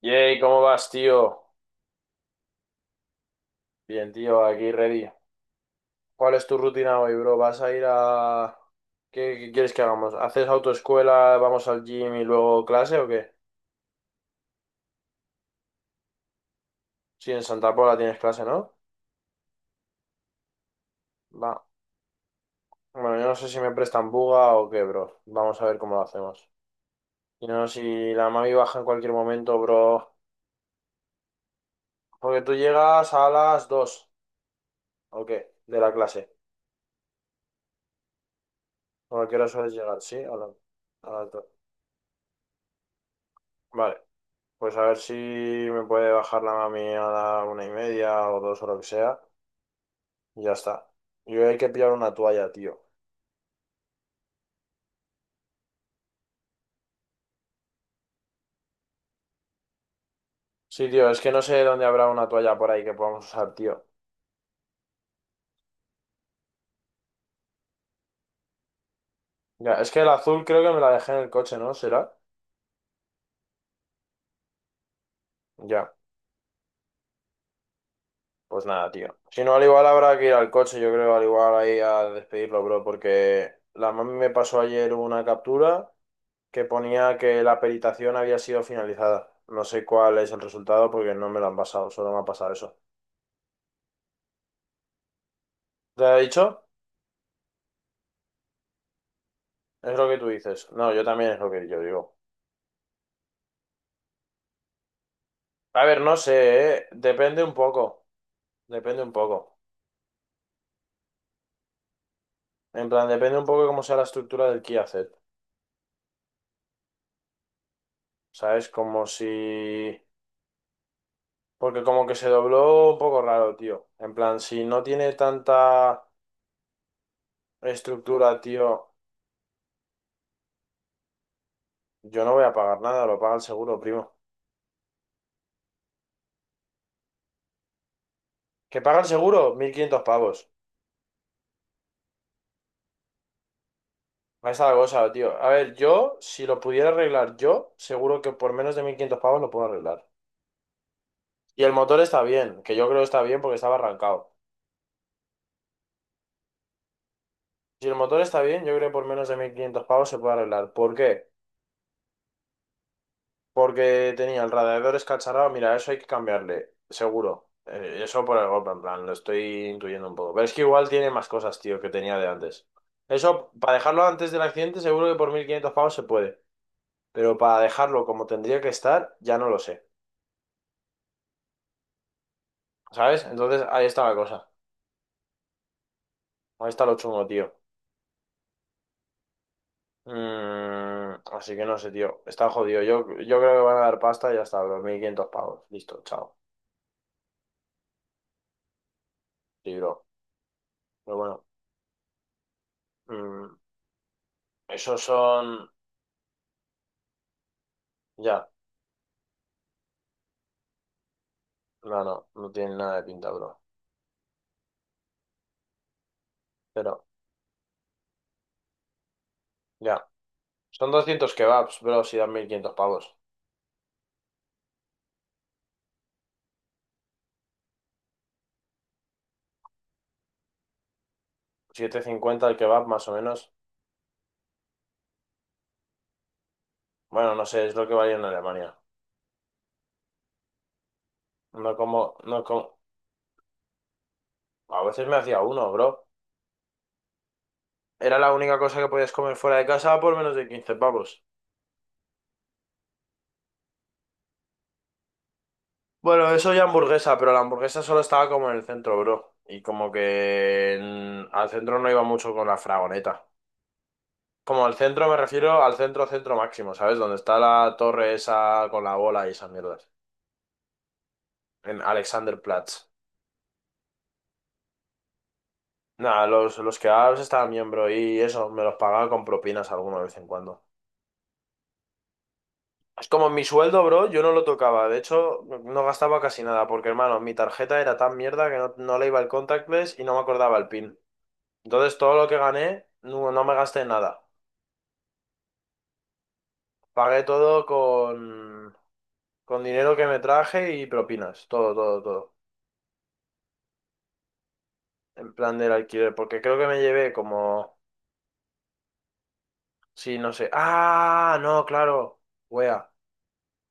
Yay, ¿cómo vas, tío? Bien, tío, aquí ready. ¿Cuál es tu rutina hoy, bro? ¿Vas a ir a... ¿Qué quieres que hagamos? ¿Haces autoescuela, vamos al gym y luego clase o qué? Sí, en Santa Pola tienes clase, ¿no? Va. Bueno, yo no sé si me prestan buga o qué, bro. Vamos a ver cómo lo hacemos. Y no, si la mami baja en cualquier momento, bro. Porque tú llegas a las 2, ¿o qué? De la clase. ¿O a qué hora sueles llegar? ¿Sí? A las 2. Vale. Pues a ver si me puede bajar la mami a la una y media o dos o lo que sea. Y ya está. Yo hay que pillar una toalla, tío. Sí, tío, es que no sé dónde habrá una toalla por ahí que podamos usar, tío. Ya, es que el azul creo que me la dejé en el coche, ¿no? ¿Será? Ya, pues nada, tío. Si no, al igual habrá que ir al coche, yo creo, al igual ahí a despedirlo, bro, porque la mami me pasó ayer una captura que ponía que la peritación había sido finalizada. No sé cuál es el resultado porque no me lo han pasado, solo me ha pasado eso. ¿Te ha dicho? Es lo que tú dices. No, yo también es lo que yo digo. A ver, no sé, ¿eh? Depende un poco. Depende un poco. En plan, depende un poco de cómo sea la estructura del key asset. ¿Sabes? Como si... Porque como que se dobló un poco raro, tío. En plan, si no tiene tanta estructura, tío, yo no voy a pagar nada, lo paga el seguro, primo. ¿Que paga el seguro? 1.500 pavos. Ahí está la cosa, tío. A ver, yo, si lo pudiera arreglar yo, seguro que por menos de 1.500 pavos lo puedo arreglar. Y el motor está bien, que yo creo que está bien porque estaba arrancado. Si el motor está bien, yo creo que por menos de 1500 pavos se puede arreglar. ¿Por qué? Porque tenía el radiador escacharrado. Mira, eso hay que cambiarle, seguro. Eso por el golpe, en plan, lo estoy intuyendo un poco. Pero es que igual tiene más cosas, tío, que tenía de antes. Eso, para dejarlo antes del accidente, seguro que por 1.500 pavos se puede. Pero para dejarlo como tendría que estar, ya no lo sé. ¿Sabes? Entonces ahí está la cosa. Ahí está lo chungo, tío. Así que no sé, tío. Está jodido. Yo creo que van a dar pasta y ya está. 2.500 pavos. Listo, chao. Libro. Pero bueno, mm, esos son... Ya. No, no. No tienen nada de pinta, bro. Pero, ya. Son 200 kebabs, bro, si dan 1.500 pavos. 750 el kebab, más o menos. Bueno, no sé, es lo que valía en Alemania. No como... No como... A veces me hacía uno, bro. Era la única cosa que podías comer fuera de casa por menos de 15 pavos. Bueno, eso ya hamburguesa, pero la hamburguesa solo estaba como en el centro, bro. Y como que al centro no iba mucho con la fragoneta. Como al centro me refiero al centro, centro máximo, ¿sabes? Donde está la torre esa con la bola y esas mierdas. En Alexanderplatz. Nada, los kebabs estaban bien, bro. Y eso, me los pagaba con propinas alguna vez en cuando. Es como mi sueldo, bro, yo no lo tocaba. De hecho, no gastaba casi nada, porque hermano, mi tarjeta era tan mierda que no le iba el contactless y no me acordaba el PIN. Entonces todo lo que gané, no me gasté en nada. Pagué todo con dinero que me traje y propinas. Todo, todo, todo. En plan del alquiler. Porque creo que me llevé como... Sí, no sé. Ah, no, claro. Wea.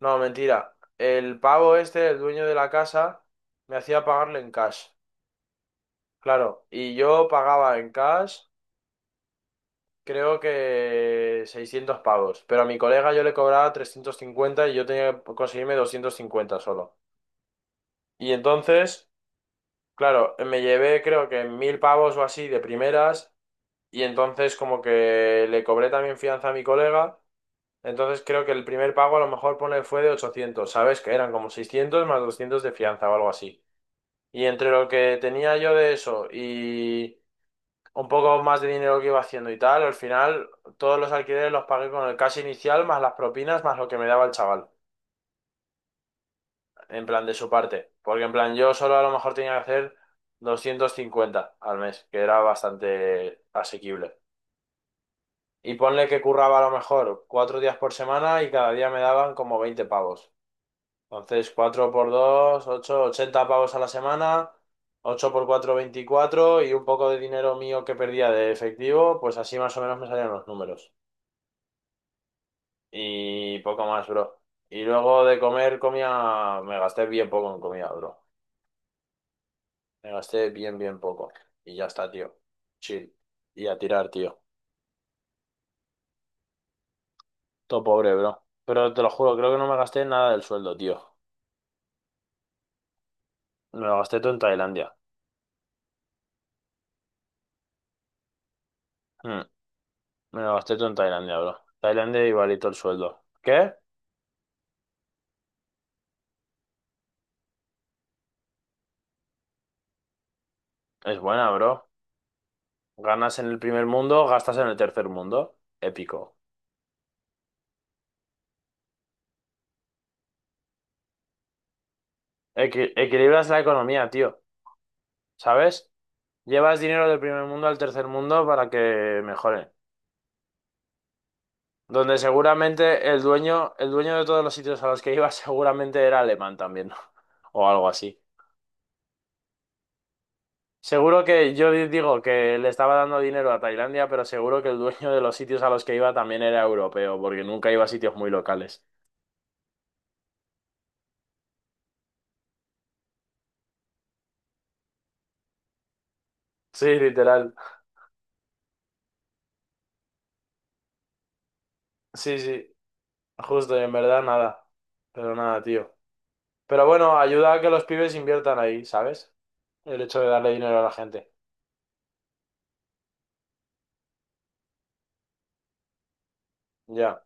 No, mentira. El pavo este, el dueño de la casa, me hacía pagarle en cash. Claro. Y yo pagaba en cash, creo que 600 pavos. Pero a mi colega yo le cobraba 350 y yo tenía que conseguirme 250 solo. Y entonces, claro, me llevé creo que 1.000 pavos o así de primeras y entonces como que le cobré también fianza a mi colega. Entonces creo que el primer pago a lo mejor pone fue de 800, ¿sabes? Que eran como 600 más 200 de fianza o algo así. Y entre lo que tenía yo de eso y un poco más de dinero que iba haciendo y tal, al final todos los alquileres los pagué con el cash inicial más las propinas más lo que me daba el chaval. En plan de su parte, porque en plan yo solo a lo mejor tenía que hacer 250 al mes, que era bastante asequible. Y ponle que curraba a lo mejor 4 días por semana y cada día me daban como 20 pavos. Entonces, cuatro por 2 ocho, 80 pavos a la semana, 8 por 4 24 y un poco de dinero mío que perdía de efectivo, pues así más o menos me salían los números. Y poco más, bro. Y luego de comer comía, me gasté bien poco en comida, bro. Me gasté bien, bien poco. Y ya está, tío. Chill. Y a tirar, tío. Todo pobre, bro. Pero te lo juro, creo que no me gasté nada del sueldo, tío. Me lo gasté todo en Tailandia. Mm, me lo gasté todo en Tailandia, bro. Tailandia igualito el sueldo. ¿Qué? Es buena, bro. Ganas en el primer mundo, gastas en el tercer mundo. Épico. Equilibras la economía, tío. ¿Sabes? Llevas dinero del primer mundo al tercer mundo para que mejore. Donde seguramente el dueño de todos los sitios a los que iba seguramente era alemán también, o algo así. Seguro que yo digo que le estaba dando dinero a Tailandia, pero seguro que el dueño de los sitios a los que iba también era europeo, porque nunca iba a sitios muy locales. Sí, literal. Sí, sí, justo, y en verdad nada. Pero nada, tío. Pero bueno, ayuda a que los pibes inviertan ahí, ¿sabes? El hecho de darle dinero a la gente. Ya.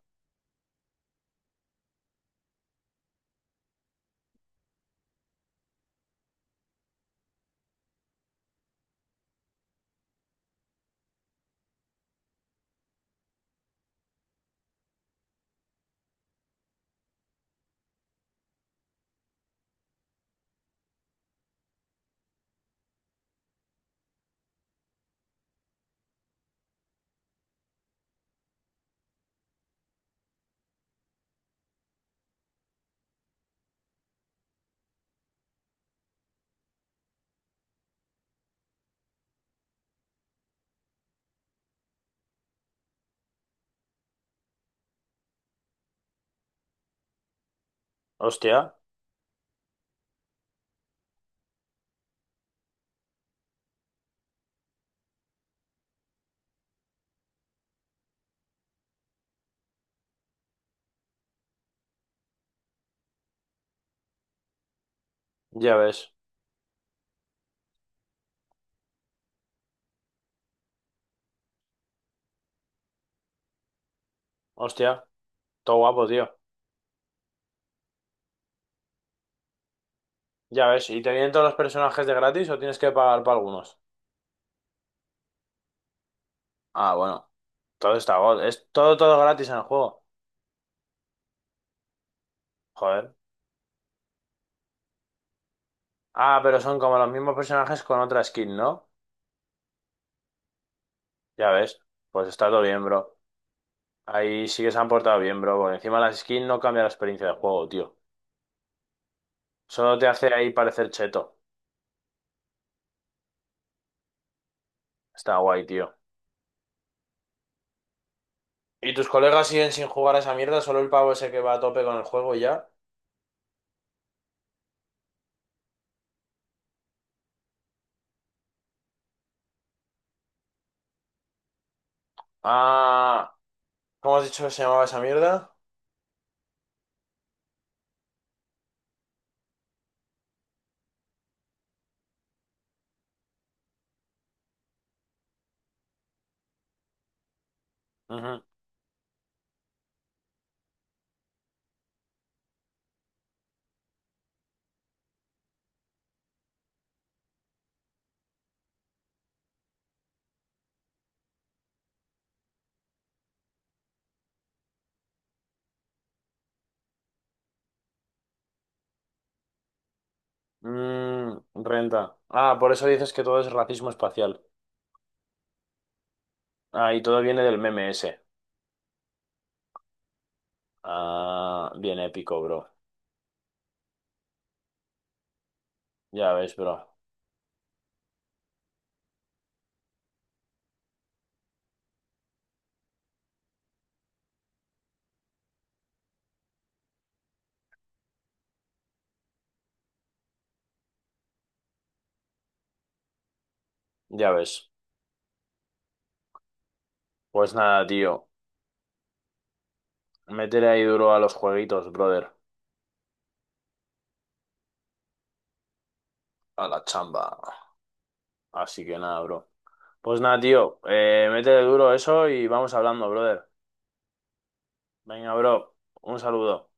Hostia, ya ves. Hostia, todo guapo, tío. Ya ves, ¿y te vienen todos los personajes de gratis o tienes que pagar para algunos? Ah, bueno, todo está god. Es todo, todo gratis en el juego. Joder. Ah, pero son como los mismos personajes con otra skin, ¿no? Ya ves, pues está todo bien, bro. Ahí sí que se han portado bien, bro, porque encima las skins no cambia la experiencia del juego, tío. Solo te hace ahí parecer cheto. Está guay, tío. ¿Y tus colegas siguen sin jugar a esa mierda? ¿Solo el pavo ese que va a tope con el juego y ya? Ah, ¿cómo has dicho que se llamaba esa mierda? Mm, renta. Ah, por eso dices que todo es racismo espacial. Ah, y todo viene del meme ese. Ah, bien épico, bro. Ya ves, bro. Ya ves. Pues nada, tío. Métele ahí duro a los jueguitos, brother. A la chamba. Así que nada, bro. Pues nada, tío. Métele duro eso y vamos hablando, brother. Venga, bro. Un saludo.